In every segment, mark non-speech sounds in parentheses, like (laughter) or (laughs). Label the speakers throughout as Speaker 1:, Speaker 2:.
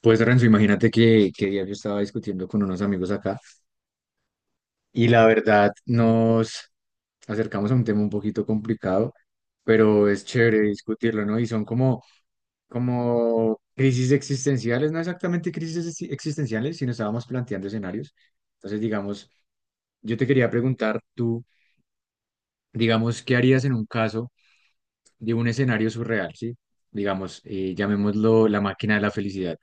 Speaker 1: Pues Renzo, imagínate que ayer yo estaba discutiendo con unos amigos acá y la verdad nos acercamos a un tema un poquito complicado, pero es chévere discutirlo, ¿no? Y son como crisis existenciales, no exactamente crisis existenciales, sino estábamos planteando escenarios. Entonces, digamos, yo te quería preguntar tú, digamos, ¿qué harías en un caso de un escenario surreal? ¿Sí? Digamos, llamémoslo la máquina de la felicidad.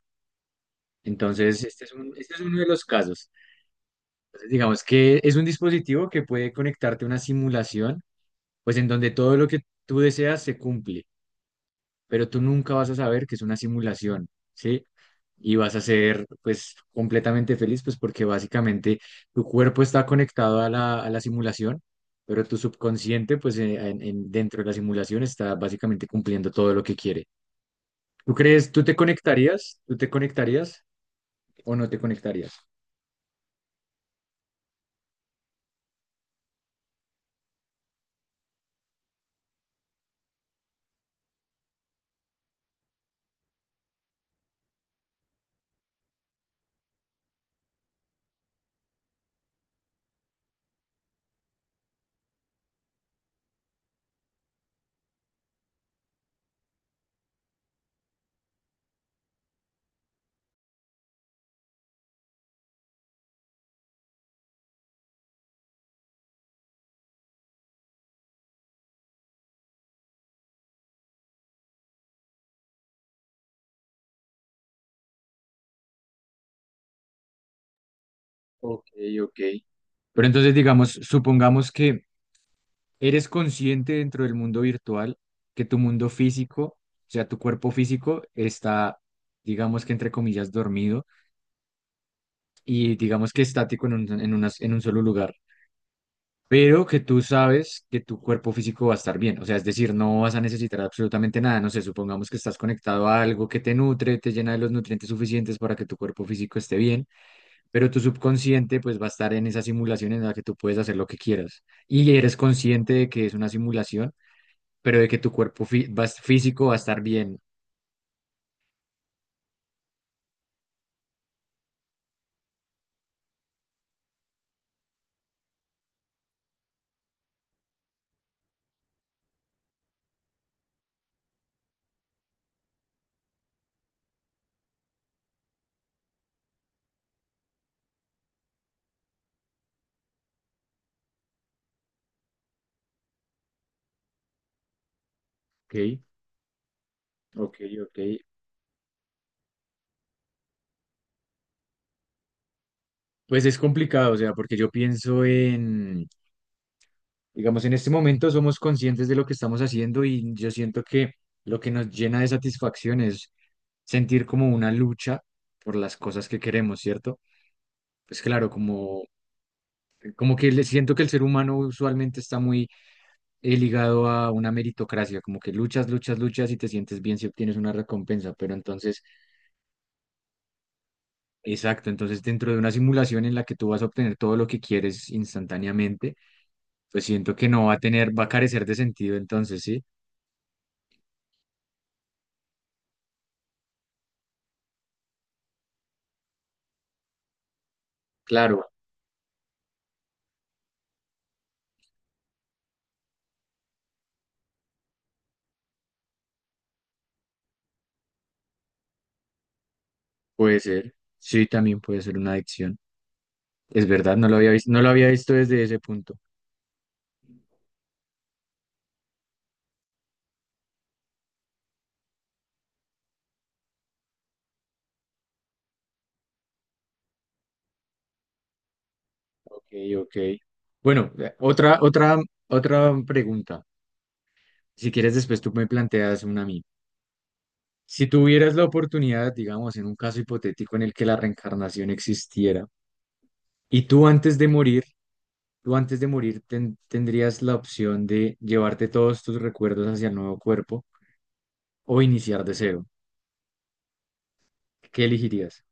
Speaker 1: Entonces, este es uno de los casos. Digamos que es un dispositivo que puede conectarte a una simulación, pues en donde todo lo que tú deseas se cumple, pero tú nunca vas a saber que es una simulación, ¿sí? Y vas a ser pues completamente feliz, pues porque básicamente tu cuerpo está conectado a la simulación, pero tu subconsciente pues dentro de la simulación está básicamente cumpliendo todo lo que quiere. ¿Tú crees? ¿Tú te conectarías? ¿Tú te conectarías o no te conectarías? Ok, ok. Pero entonces digamos, supongamos que eres consciente dentro del mundo virtual, que tu mundo físico, o sea, tu cuerpo físico está, digamos que entre comillas, dormido, y digamos que estático en un solo lugar, pero que tú sabes que tu cuerpo físico va a estar bien, o sea, es decir, no vas a necesitar absolutamente nada, no sé, supongamos que estás conectado a algo que te nutre, te llena de los nutrientes suficientes para que tu cuerpo físico esté bien, pero tu subconsciente pues va a estar en esa simulación en la que tú puedes hacer lo que quieras y eres consciente de que es una simulación pero de que tu cuerpo físico va a estar bien. Ok, ok, ok. Pues es complicado, o sea, porque yo pienso en, digamos, en este momento somos conscientes de lo que estamos haciendo y yo siento que lo que nos llena de satisfacción es sentir como una lucha por las cosas que queremos, ¿cierto? Pues claro, como que le siento que el ser humano usualmente está muy ligado a una meritocracia, como que luchas, luchas, luchas y te sientes bien si obtienes una recompensa, pero entonces. Exacto, entonces dentro de una simulación en la que tú vas a obtener todo lo que quieres instantáneamente, pues siento que no va a tener, va a carecer de sentido entonces, ¿sí? Claro, puede ser, sí, también puede ser una adicción. Es verdad, no lo había visto, no lo había visto desde ese punto. Ok, ok. Bueno, otra pregunta. Si quieres, después tú me planteas una a mí. Si tuvieras la oportunidad, digamos, en un caso hipotético en el que la reencarnación existiera, y tú antes de morir tú antes de morir tendrías la opción de llevarte todos tus recuerdos hacia el nuevo cuerpo o iniciar de cero. ¿Qué elegirías?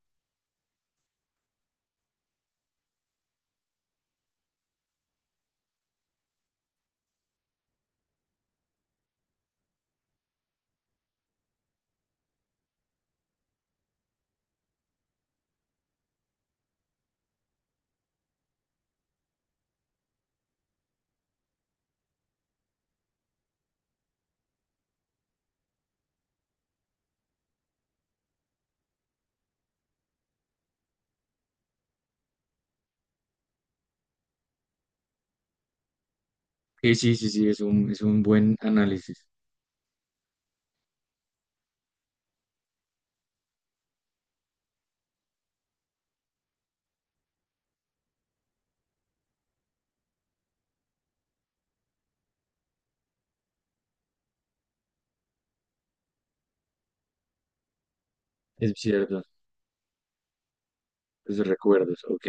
Speaker 1: Sí, sí, sí, sí, es un buen análisis. Es cierto, los recuerdos, ok.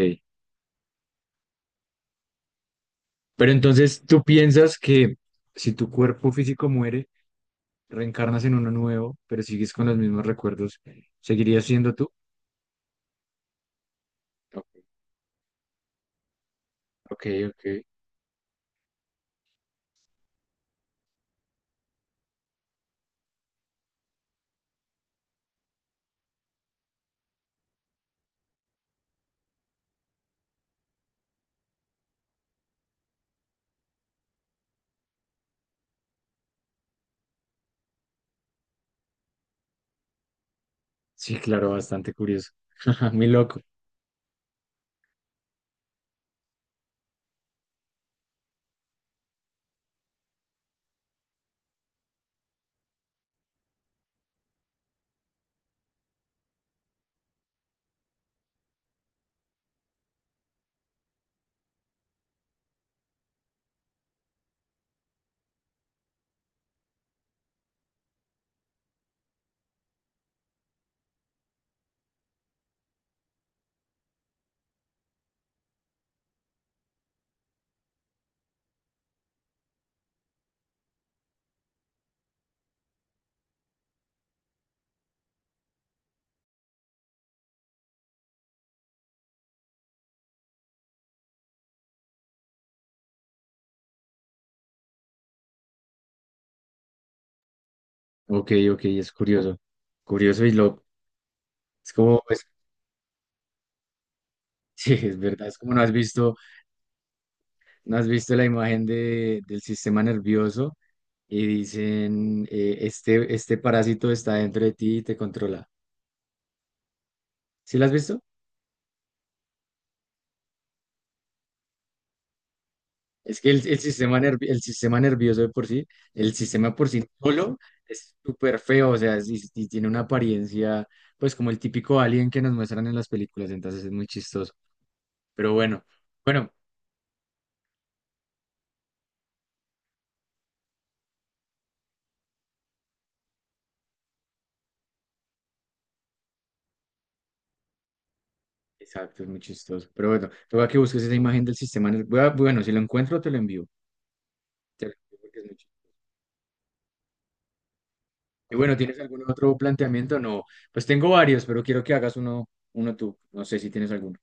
Speaker 1: Pero entonces tú piensas que si tu cuerpo físico muere, reencarnas en uno nuevo, pero sigues con los mismos recuerdos, ¿seguirías siendo tú? Ok, ok. Ok. Sí, claro, bastante curioso. (laughs) Muy loco. Ok, ok, es curioso. Curioso y loco. Es como... Sí, es verdad, es como no has visto. No has visto la imagen de, del sistema nervioso y dicen, este parásito está dentro de ti y te controla. ¿Sí lo has visto? Es que el sistema nervioso de por sí, el sistema por sí solo es súper feo, o sea, y sí tiene una apariencia, pues como el típico alien que nos muestran en las películas, entonces es muy chistoso. Pero bueno, bueno, exacto, es muy chistoso. Pero bueno, toca que busques esa imagen del sistema nervioso. Bueno, si lo encuentro, te lo envío. Te lo envío porque es muy... Y bueno, ¿tienes algún otro planteamiento? No, pues tengo varios, pero quiero que hagas uno, uno tú. No sé si tienes alguno.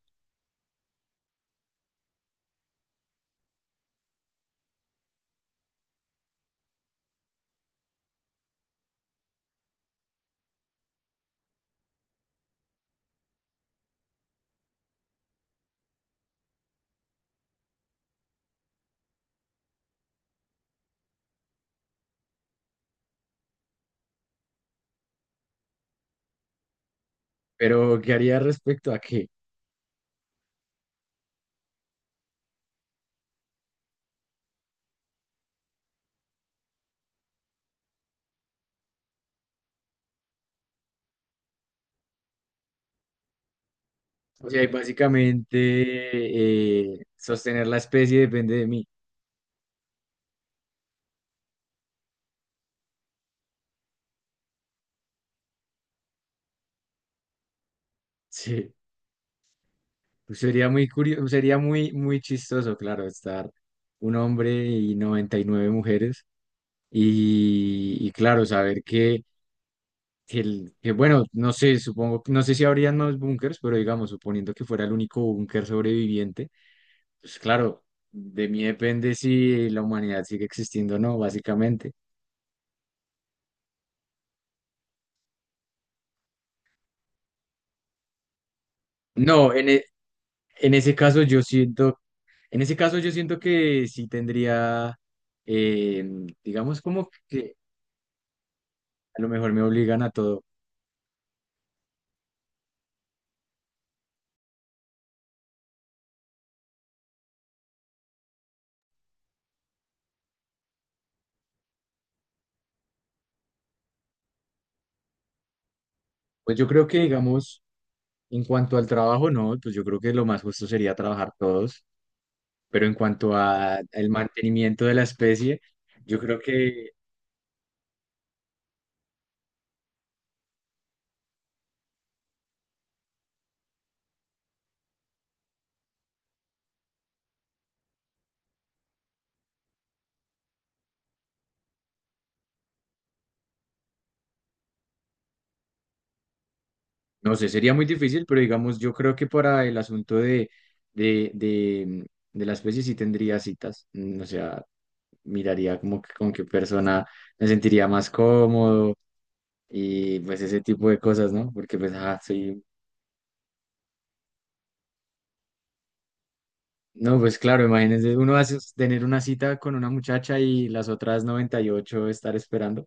Speaker 1: Pero, ¿qué haría respecto a qué? O sea, y básicamente sostener la especie depende de mí. (laughs) Sí, pues sería muy curioso, sería muy, muy chistoso, claro, estar un hombre y 99 mujeres. Y claro, saber que, bueno, no sé, supongo, no sé si habrían más búnkers, pero digamos, suponiendo que fuera el único búnker sobreviviente. Pues claro, de mí depende si la humanidad sigue existiendo o no, básicamente. No, en ese caso yo siento, en ese caso yo siento que sí tendría, eh, digamos como que a lo mejor me obligan a todo. Pues yo creo que, digamos, en cuanto al trabajo, no, pues yo creo que lo más justo sería trabajar todos, pero en cuanto a el mantenimiento de la especie, yo creo que... No sé, sería muy difícil, pero digamos, yo creo que para el asunto de, de, de la especie sí tendría citas. O sea, miraría como que con qué persona me sentiría más cómodo y pues ese tipo de cosas, ¿no? Porque pues, ah, soy... No, pues claro, imagínense, uno hace tener una cita con una muchacha y las otras 98 estar esperando.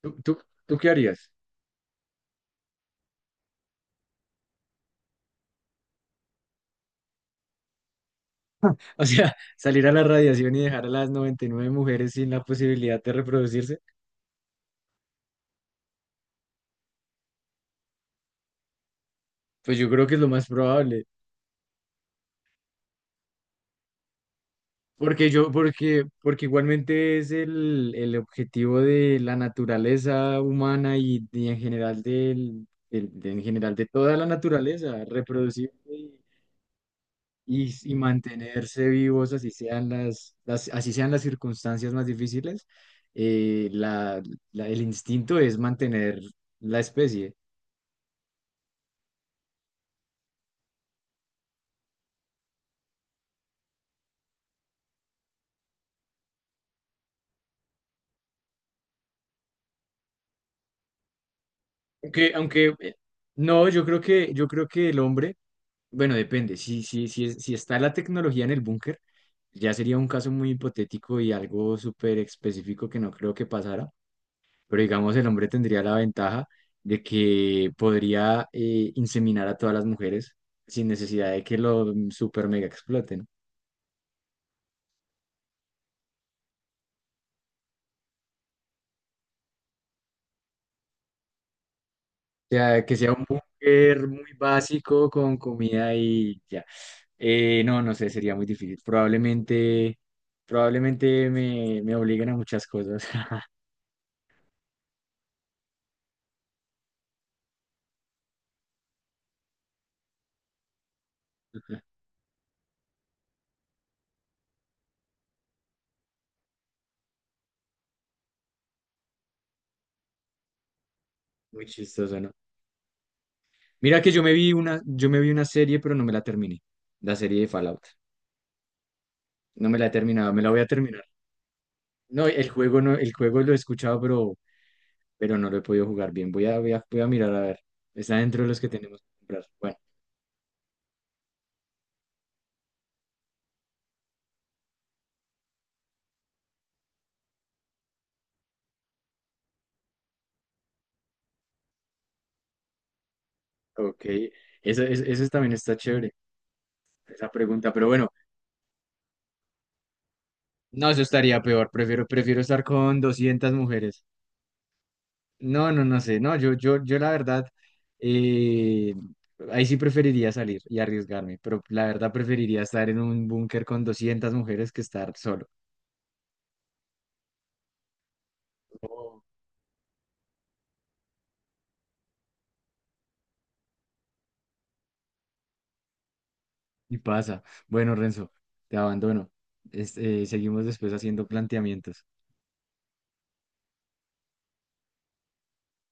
Speaker 1: ¿Tú, tú, tú qué harías? (laughs) O sea, salir a la radiación y dejar a las 99 mujeres sin la posibilidad de reproducirse, pues yo creo que es lo más probable. Porque igualmente es el objetivo de la naturaleza humana y en general de toda la naturaleza, reproducirse y mantenerse vivos, así sean las circunstancias más difíciles, eh, la- el instinto es mantener la especie. Aunque no, yo creo que el hombre... Bueno, depende. Si está la tecnología en el búnker, ya sería un caso muy hipotético y algo súper específico que no creo que pasara. Pero digamos, el hombre tendría la ventaja de que podría inseminar a todas las mujeres sin necesidad de que lo super mega exploten. O sea, que sea un búnker muy básico con comida y ya. No, no sé, sería muy difícil. Probablemente me obliguen a muchas cosas. (laughs) Muy chistoso, ¿no? Mira que yo me vi una serie, pero no me la terminé. La serie de Fallout. No me la he terminado, me la voy a terminar. No, el juego no, el juego lo he escuchado, pero no lo he podido jugar bien. Voy a mirar a ver. Está dentro de los que tenemos que comprar. Bueno, ok. Eso también está chévere, esa pregunta. Pero bueno, no, eso estaría peor. Prefiero estar con 200 mujeres. No, no, no sé. No, yo la verdad, eh, ahí sí preferiría salir y arriesgarme, pero la verdad preferiría estar en un búnker con 200 mujeres que estar solo. Oh. Y pasa. Bueno, Renzo, te abandono. Seguimos después haciendo planteamientos.